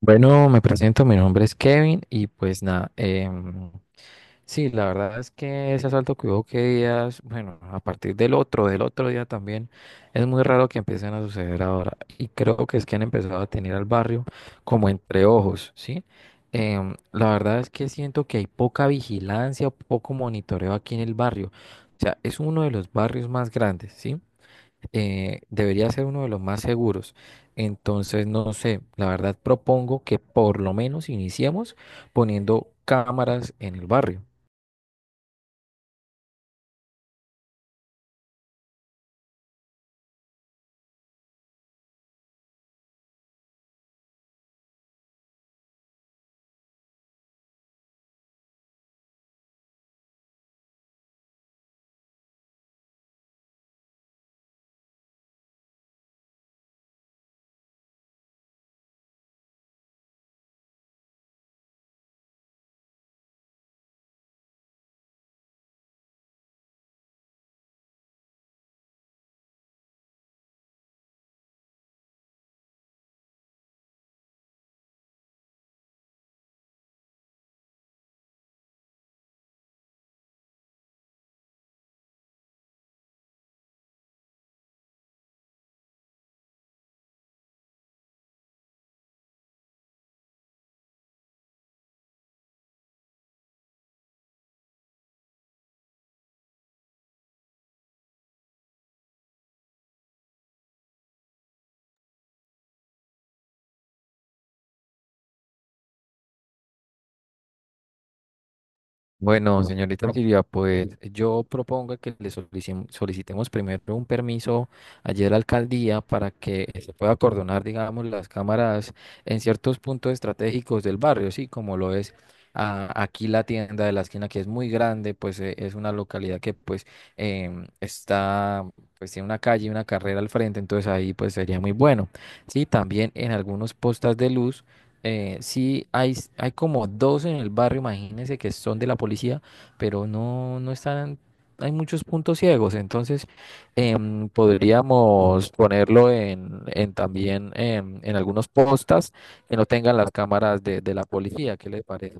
Bueno, me presento, mi nombre es Kevin y pues nada, sí, la verdad es que ese asalto que hubo que días, bueno, a partir del otro día también, es muy raro que empiecen a suceder ahora y creo que es que han empezado a tener al barrio como entre ojos, ¿sí? La verdad es que siento que hay poca vigilancia, poco monitoreo aquí en el barrio, o sea, es uno de los barrios más grandes, ¿sí? Debería ser uno de los más seguros. Entonces, no sé, la verdad propongo que por lo menos iniciemos poniendo cámaras en el barrio. Bueno, señorita Silvia, pues yo propongo que solicitemos primero un permiso allí a la alcaldía para que se pueda acordonar, digamos, las cámaras en ciertos puntos estratégicos del barrio, sí, como lo es aquí la tienda de la esquina que es muy grande, pues es una localidad que pues está, pues tiene una calle y una carrera al frente, entonces ahí pues sería muy bueno. Sí, también en algunos postas de luz. Sí, hay como dos en el barrio, imagínense que son de la policía, pero no están, hay muchos puntos ciegos, entonces podríamos ponerlo en también en algunos postas que no tengan las cámaras de la policía, ¿qué les parece?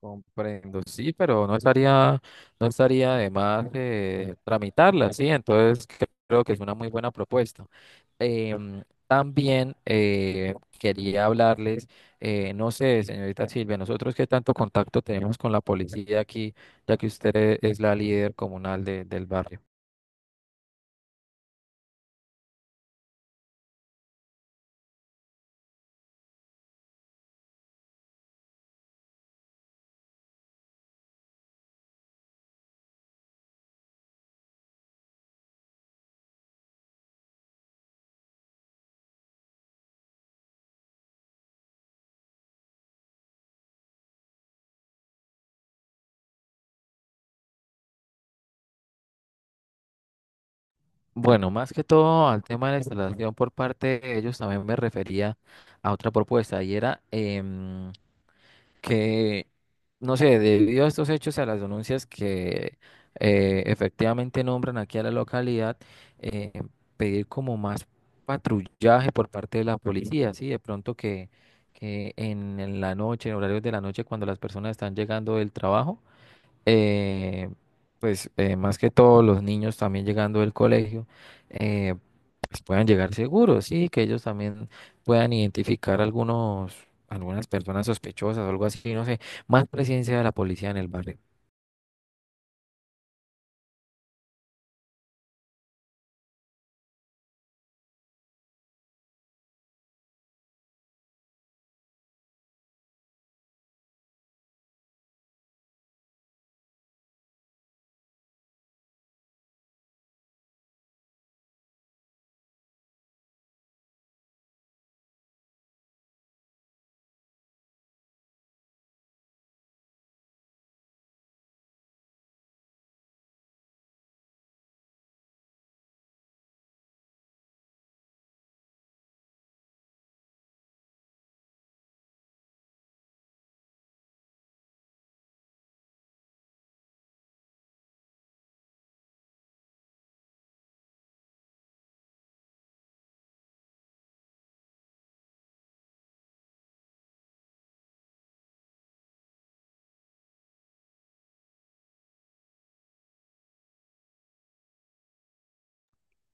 Comprendo, sí, pero no estaría de más tramitarla, sí, entonces creo que es una muy buena propuesta. También quería hablarles, no sé, señorita Silvia, nosotros qué tanto contacto tenemos con la policía aquí, ya que es la líder comunal del barrio. Bueno, más que todo al tema de la instalación por parte de ellos, también me refería a otra propuesta y era que, no sé, debido a estos hechos y a las denuncias que efectivamente nombran aquí a la localidad, eh, pedir como más patrullaje por parte de la policía, ¿sí? De pronto que en la noche, en horarios de la noche, cuando las personas están llegando del trabajo, eh, pues más que todo los niños también llegando del colegio, eh, pues puedan llegar seguros, sí, que ellos también puedan identificar algunas personas sospechosas o algo así, no sé, más presencia de la policía en el barrio.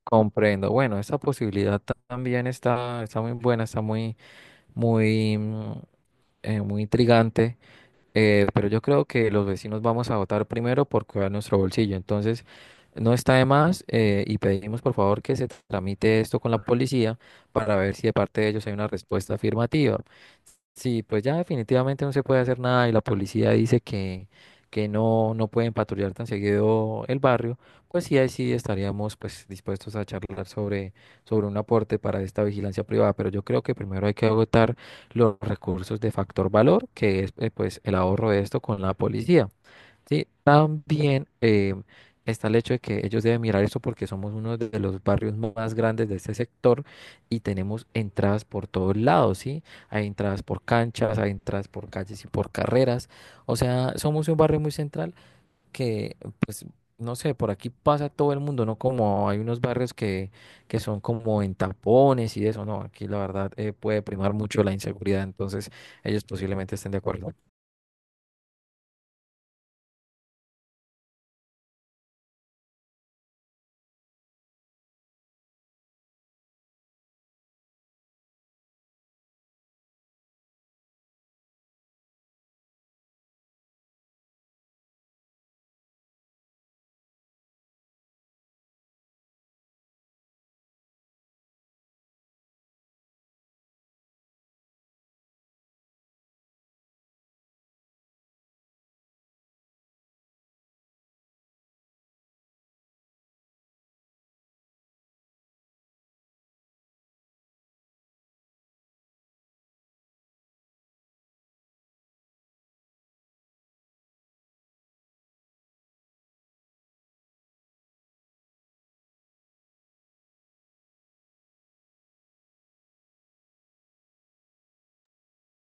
Comprendo. Bueno, esta también está, está muy buena, está muy, mm, muy intrigante. Pero yo creo que los vecinos vamos a votar primero por cuidar nuestro bolsillo. Entonces, no está de más y pedimos por favor que se tramite esto con la policía para ver si de parte de ellos hay una respuesta afirmativa. Sí, pues ya definitivamente no se puede hacer nada y la policía dice que no, no pueden patrullar tan seguido el barrio, pues sí, ahí sí estaríamos pues dispuestos a charlar sobre un aporte para esta vigilancia privada, pero yo creo que primero hay que agotar los recursos de factor valor, que es pues el ahorro de esto con la policía. Sí, también está el hecho de que ellos deben mirar eso porque somos uno de los barrios más grandes de este sector y tenemos entradas por todos lados, ¿sí? Hay entradas por canchas, hay entradas por calles y por carreras. O sea, somos un barrio muy central que, pues, no sé, por aquí pasa todo el mundo, no como hay unos barrios que son como en tapones y eso, no, aquí la verdad puede primar mucho la inseguridad, entonces ellos posiblemente estén de acuerdo.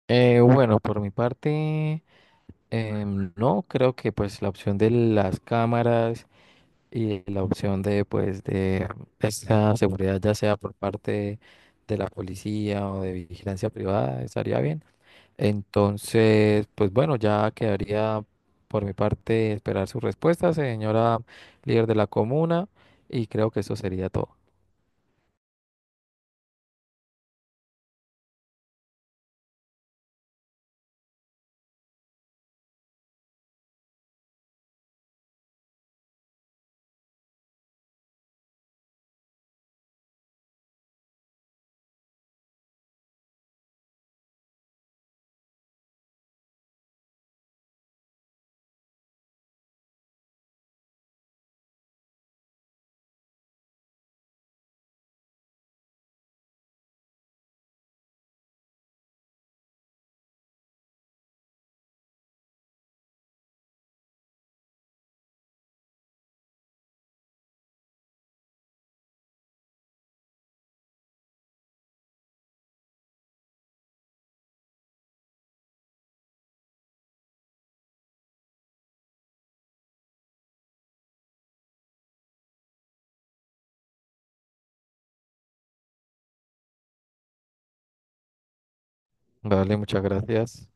Bueno, por mi parte... No, creo que pues la opción de las cámaras y la opción de pues de esta seguridad, ya sea por parte de la policía o de vigilancia privada, estaría bien. Entonces, pues bueno, ya quedaría por mi parte esperar su respuesta, señora líder de la comuna, y creo que eso sería todo. Vale, muchas gracias.